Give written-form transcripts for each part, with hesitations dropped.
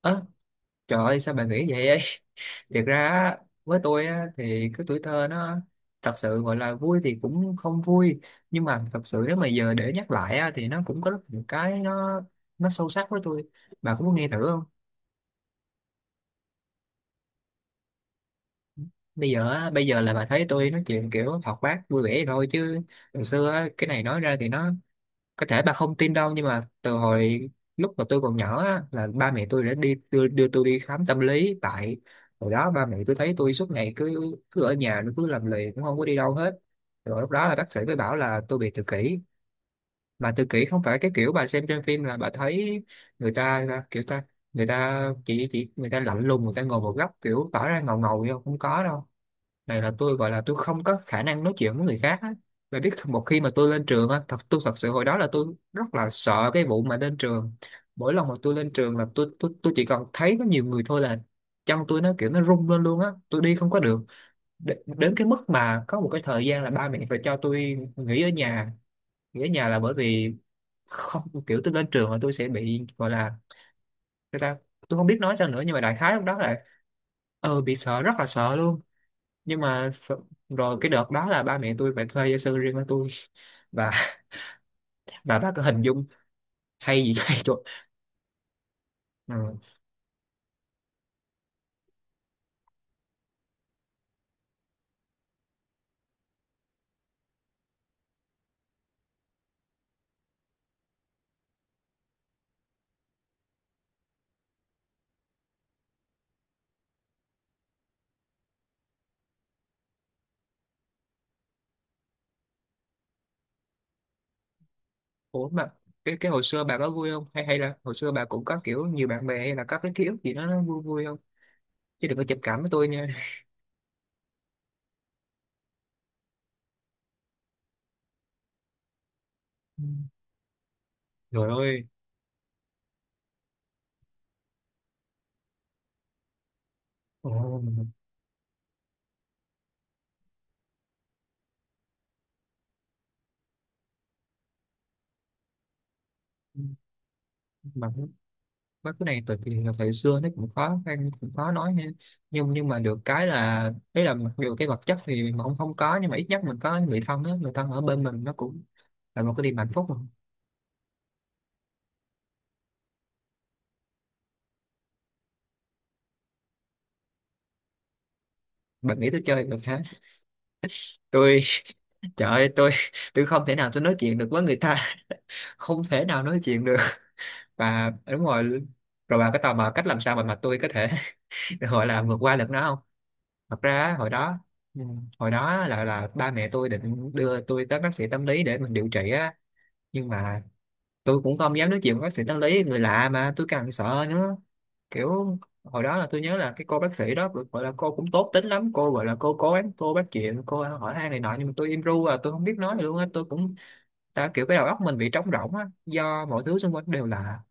Ơ, trời ơi, sao bà nghĩ vậy ấy? Thiệt ra á, với tôi á, thì cái tuổi thơ nó thật sự gọi là vui thì cũng không vui, nhưng mà thật sự nếu mà giờ để nhắc lại á, thì nó cũng có rất nhiều cái nó sâu sắc với tôi. Bà cũng muốn nghe thử không? Bây giờ á, bây giờ là bà thấy tôi nói chuyện kiểu hoạt bát vui vẻ vậy thôi, chứ hồi xưa á, cái này nói ra thì nó có thể bà không tin đâu, nhưng mà từ hồi lúc mà tôi còn nhỏ á, là ba mẹ tôi đã đi đưa, tôi đi khám tâm lý. Tại hồi đó ba mẹ tôi thấy tôi suốt ngày cứ cứ ở nhà, nó cứ làm lì, cũng không có đi đâu hết. Rồi lúc đó là bác sĩ mới bảo là tôi bị tự kỷ. Mà tự kỷ không phải cái kiểu bà xem trên phim là bà thấy người ta kiểu ta người ta, chỉ người ta lạnh lùng, người ta ngồi một góc kiểu tỏ ra ngầu ngầu vậy không. Không có đâu. Này là tôi gọi là tôi không có khả năng nói chuyện với người khác á. Và biết một khi mà tôi lên trường á, tôi thật sự hồi đó là tôi rất là sợ cái vụ mà lên trường. Mỗi lần mà tôi lên trường là tôi chỉ còn thấy có nhiều người thôi là chân tôi nó kiểu nó rung lên luôn á, tôi đi không có được. Đến cái mức mà có một cái thời gian là ba mẹ phải cho tôi nghỉ ở nhà. Nghỉ ở nhà là bởi vì không, kiểu tôi lên trường là tôi sẽ bị gọi là người ta, tôi không biết nói sao nữa, nhưng mà đại khái lúc đó là bị sợ, rất là sợ luôn. Nhưng mà rồi cái đợt đó là ba mẹ tôi phải thuê gia sư riêng cho tôi và bà bác có hình dung. Hay gì hay tôi. Ừ. Ủa mà cái hồi xưa bà có vui không, hay hay là hồi xưa bà cũng có kiểu nhiều bạn bè, hay là có cái ký ức gì đó nó vui vui không? Chứ đừng có chụp cảm với tôi nha. Ừ. Trời ơi. Ồ, mà mấy cái này từ thời xưa nó cũng khó khăn, cũng khó nói ha, nhưng mà được cái là đấy là mặc dù cái vật chất thì mà không không có, nhưng mà ít nhất mình có người thân á, người thân ở bên mình, nó cũng là một cái niềm hạnh phúc mà. Bạn nghĩ tôi chơi được hả? Tôi, trời ơi, tôi không thể nào, tôi nói chuyện được với người ta không thể nào nói chuyện được. Và đúng rồi, rồi bà có tò mò cách làm sao mà tôi có thể gọi là vượt qua được nó không? Thật ra á, hồi đó, ừ, hồi đó là ba mẹ tôi định đưa tôi tới bác sĩ tâm lý để mình điều trị á, nhưng mà tôi cũng không dám nói chuyện với bác sĩ tâm lý, người lạ mà tôi càng sợ nữa. Kiểu hồi đó là tôi nhớ là cái cô bác sĩ đó được gọi là cô cũng tốt tính lắm, cô gọi là cô cố gắng cô bắt chuyện cô hỏi han này nọ, nhưng mà tôi im ru à, tôi không biết nói gì luôn á, tôi cũng ta kiểu cái đầu óc mình bị trống rỗng á, do mọi thứ xung quanh đều lạ.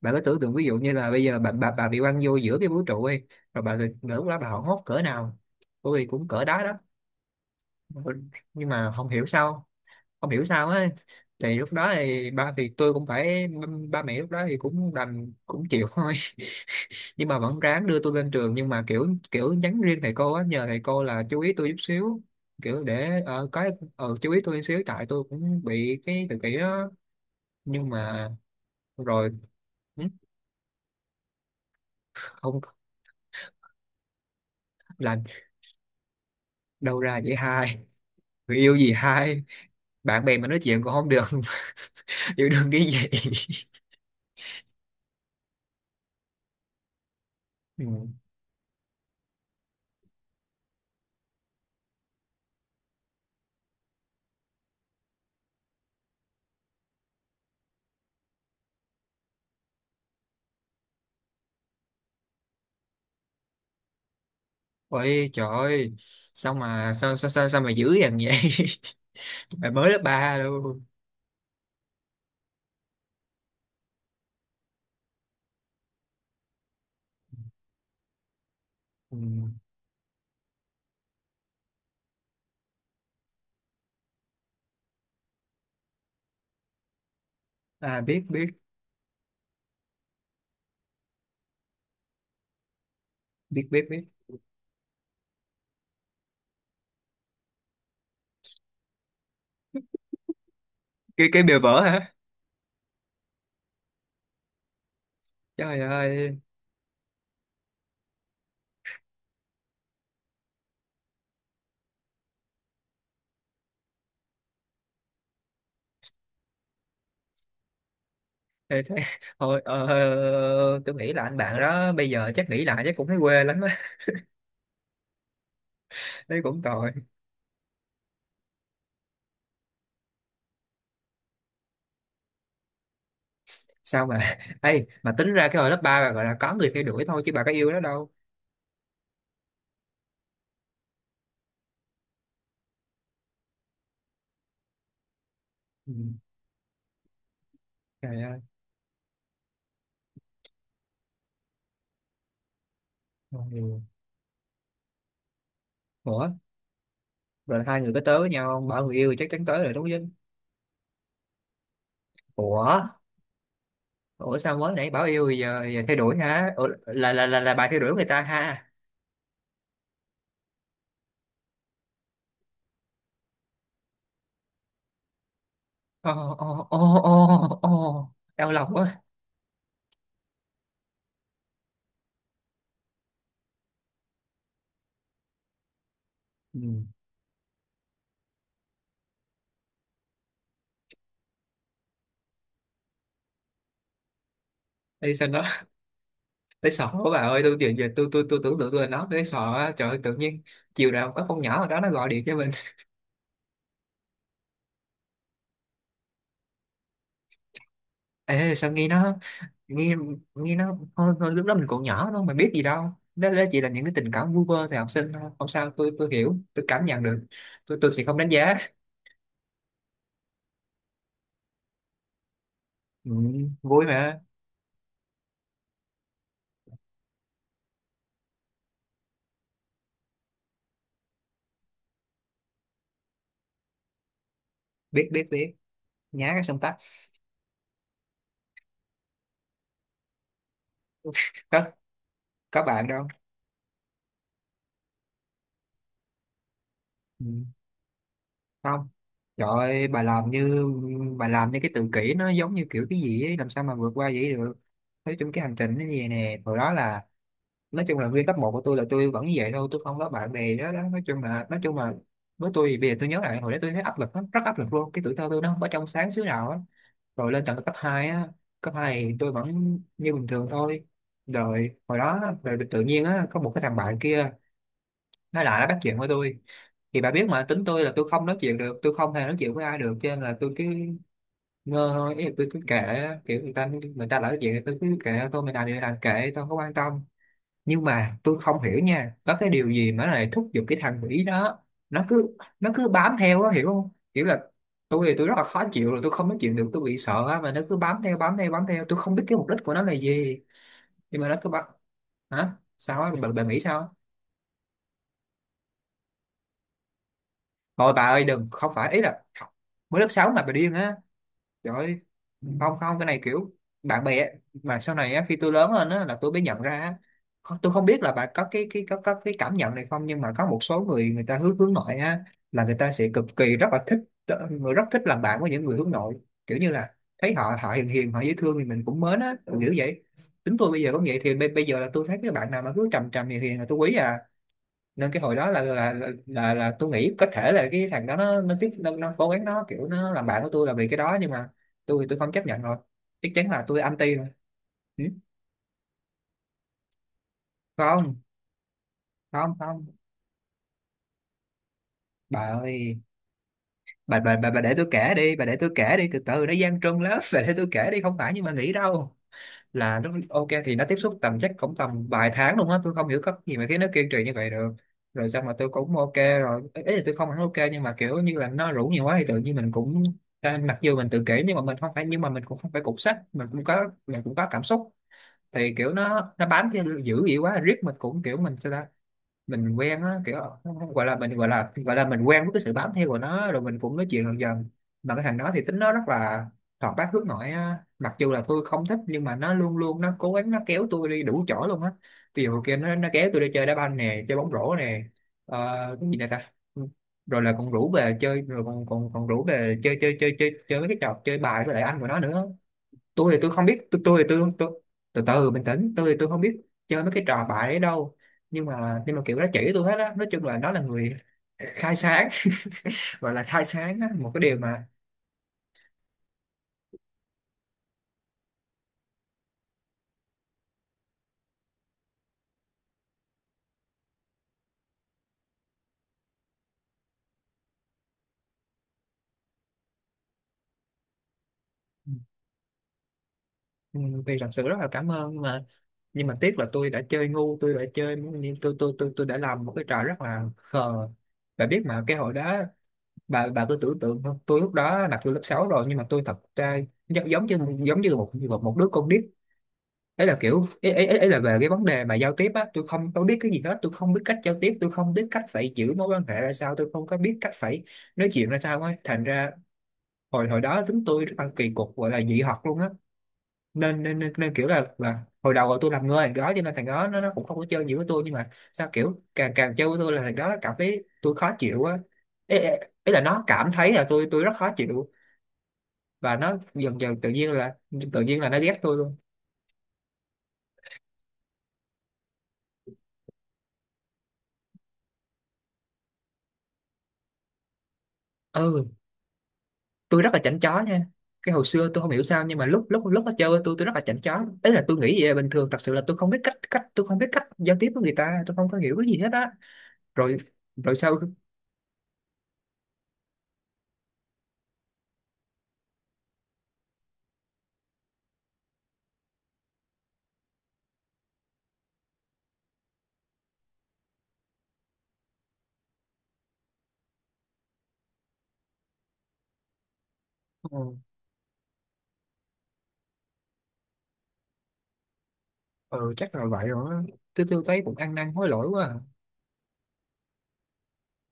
Bạn cứ tưởng tượng, ví dụ như là bây giờ bà bị quăng vô giữa cái vũ trụ đi, rồi lúc đó bà hoảng hốt cỡ nào. Tôi thì cũng cỡ đó đó. Nhưng mà không hiểu sao, không hiểu sao á thì lúc đó thì tôi cũng phải, ba mẹ lúc đó thì cũng đành cũng chịu thôi. Nhưng mà vẫn ráng đưa tôi lên trường, nhưng mà kiểu kiểu nhắn riêng thầy cô á, nhờ thầy cô là chú ý tôi chút xíu, kiểu để ờ, có ờ, chú ý tôi chút xíu, tại tôi cũng bị cái tự kỷ đó. Nhưng mà rồi ừ, không, làm đâu ra vậy hai? Người yêu gì hai? Bạn bè mà nói chuyện cũng không được, yêu đương cái gì. Ừ. Ôi trời ơi, sao mà sao mà dữ dằn vậy? Mày mới lớp 3 luôn. Ừ. À, biết biết biết biết biết. Cái bìa vỡ hả? Trời ơi. Ê, thế, thôi ờ, tôi nghĩ là anh bạn đó bây giờ chắc nghĩ lại chắc cũng thấy quê lắm á, thấy cũng tội. Sao mà Ê, mà tính ra cái hồi lớp 3 bà gọi là có người theo đuổi thôi chứ bà có yêu nó đâu. Ừ. Trời ơi. Ủa, rồi là hai người có tới với nhau không? Bảo người yêu thì chắc chắn tới rồi đúng chứ. Ủa? Sao mới nãy bảo yêu giờ, giờ thay đổi hả? Ủa, là bà thay đổi người ta ha. Ô ô ô ô Ô, đau lòng quá. Ừ. Ê, sao nó tới sọ quá bà ơi, tôi giờ, tôi tưởng tượng tôi là nó tới sọ á. Trời ơi, tự nhiên chiều nào có con nhỏ ở đó nó gọi điện cho mình. Ê, sao nghe nó, nghe nghe nó thôi, lúc đó mình còn nhỏ đâu mà biết gì đâu. Đó, chỉ là những cái tình cảm vu vơ thì học sinh thôi, không sao, tôi hiểu, tôi cảm nhận được, tôi sẽ không đánh giá. Ừ, vui mà. Biết biết biết, nhá cái xong tắt. có có bạn đâu. Ừ, không, trời ơi, bà làm như cái tự kỷ nó giống như kiểu cái gì ấy, làm sao mà vượt qua vậy được. Nói chung cái hành trình nó như vậy nè, hồi đó là, nói chung là nguyên cấp một của tôi là tôi vẫn như vậy thôi, tôi không có bạn bè đó, đó. Nói chung là với tôi thì bây giờ tôi nhớ lại hồi đó tôi thấy áp lực lắm, rất áp lực luôn, cái tuổi thơ tôi nó không có trong sáng xíu nào á. Rồi lên tận cấp 2 á, cấp 2 thì tôi vẫn như bình thường thôi. Rồi hồi đó rồi tự nhiên á có một cái thằng bạn kia, nó bắt chuyện với tôi. Thì bà biết mà, tính tôi là tôi không nói chuyện được, tôi không hề nói chuyện với ai được, cho nên là tôi cứ ngơ thôi, ý là tôi cứ kệ, kiểu người ta nói chuyện thì tôi cứ kệ tôi, mình làm gì mình làm, kệ tôi, không quan tâm. Nhưng mà tôi không hiểu nha, có cái điều gì mà nó lại thúc giục cái thằng Mỹ đó nó cứ bám theo đó, hiểu không, kiểu là tôi thì tôi rất là khó chịu rồi, tôi không nói chuyện được, tôi bị sợ á, mà nó cứ bám theo bám theo bám theo, tôi không biết cái mục đích của nó là gì, nhưng mà nó cứ bám. Hả, sao á bà nghĩ sao á? Thôi bà ơi đừng, không phải, ý là mới lớp 6 mà bà điên á. Trời ơi, không, không, cái này kiểu bạn bè á, mà sau này á, khi tôi lớn lên á, là tôi mới nhận ra á, tôi không biết là bạn có cái có, cái cảm nhận này không, nhưng mà có một số người, người ta hướng hướng nội á, là người ta sẽ cực kỳ rất là thích, rất thích làm bạn với những người hướng nội, kiểu như là thấy họ họ hiền hiền, họ dễ thương thì mình cũng mến á, kiểu vậy. Tính tôi bây giờ cũng vậy, thì bây giờ là tôi thấy cái bạn nào mà cứ trầm trầm hiền hiền là tôi quý à. Nên cái hồi đó là tôi nghĩ có thể là cái thằng đó nó tiếp, nó cố gắng kiểu nó làm bạn của tôi là vì cái đó. Nhưng mà tôi thì tôi không chấp nhận rồi, chắc chắn là tôi anti rồi. Ừ? Không, không, không, bà ơi. Bà, để tôi kể đi, bà để tôi kể đi, từ từ nó gian truân lắm. Bà để tôi kể đi, không phải, nhưng mà nghĩ đâu là lúc ok thì nó tiếp xúc tầm chắc cũng tầm vài tháng luôn á. Tôi không hiểu cách gì mà khiến nó kiên trì như vậy được, rồi xong mà tôi cũng ok. Rồi ý ý là tôi không hẳn ok, nhưng mà kiểu như là nó rủ nhiều quá thì tự nhiên mình cũng, à, mặc dù mình tự kỷ nhưng mà mình không phải, nhưng mà mình cũng không phải cục sắt, mình cũng có cảm xúc. Thì kiểu nó bám theo dữ vậy quá riết, mình cũng kiểu mình sao ta, mình quen á kiểu. Không, không gọi là mình, gọi là, mình quen với cái sự bám theo của nó, rồi mình cũng nói chuyện dần dần. Mà cái thằng đó thì tính nó rất là hoạt bát hướng nội á, mặc dù là tôi không thích nhưng mà nó luôn luôn nó cố gắng nó kéo tôi đi đủ chỗ luôn á. Ví dụ kia nó kéo tôi đi chơi đá banh nè, chơi bóng rổ nè, ờ, cái gì nữa ta, ừ, rồi là còn rủ về chơi, rồi còn còn còn rủ về chơi chơi chơi chơi chơi mấy cái trò chơi bài với lại anh của nó nữa. Tôi thì tôi không biết, tôi tôi thì tôi tôi, từ từ bình tĩnh, tôi thì tôi không biết chơi mấy cái trò bại ấy đâu. Nhưng mà kiểu nó chỉ tôi hết á, nói chung là nó là người khai sáng. Gọi là khai sáng á, một cái điều mà, ừ, thì thật sự rất là cảm ơn. Nhưng mà tiếc là tôi đã chơi ngu, tôi đã chơi nhưng tôi đã làm một cái trò rất là khờ. Bà biết mà, cái hồi đó, bà cứ tưởng tượng không, tôi lúc đó là tôi lớp 6 rồi, nhưng mà tôi thật ra giống, giống như một, một đứa con nít. Ấy là kiểu ấy, ấy, ấy ấy là về cái vấn đề mà giao tiếp á, tôi không tôi biết cái gì hết, tôi không biết cách giao tiếp, tôi không biết cách phải giữ mối quan hệ ra sao, tôi không có biết cách phải nói chuyện ra sao á, thành ra hồi hồi đó chúng tôi rất là kỳ cục, gọi là dị học luôn á. Nên kiểu là, hồi đầu là tôi làm người thằng đó, cho nên thằng đó nó cũng không có chơi nhiều với tôi, nhưng mà sao kiểu càng càng chơi với tôi là thằng đó nó cảm thấy tôi khó chịu á. Ấy, ấy là nó cảm thấy là tôi rất khó chịu, và nó dần dần tự nhiên là, tự nhiên là nó ghét tôi luôn. Ừ, tôi rất là chảnh chó nha. Cái hồi xưa tôi không hiểu sao, nhưng mà lúc lúc lúc nó chơi với tôi rất là chảnh chó, ấy là tôi nghĩ vậy là bình thường. Thật sự là tôi không biết cách, tôi không biết cách giao tiếp với người ta, tôi không có hiểu cái gì hết á. Rồi, sau, ừ, ừ chắc là vậy rồi á. Tôi thấy cũng ăn năn hối lỗi quá à.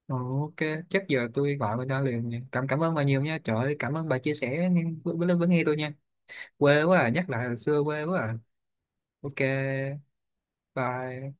Ừ, ok chắc giờ tôi gọi người ta liền nha. Cảm cảm ơn bà nhiều nha, trời ơi, cảm ơn bà chia sẻ nghe- với nghe tôi nha. Quê quá à, nhắc lại hồi xưa quê quá à. Ok, bye.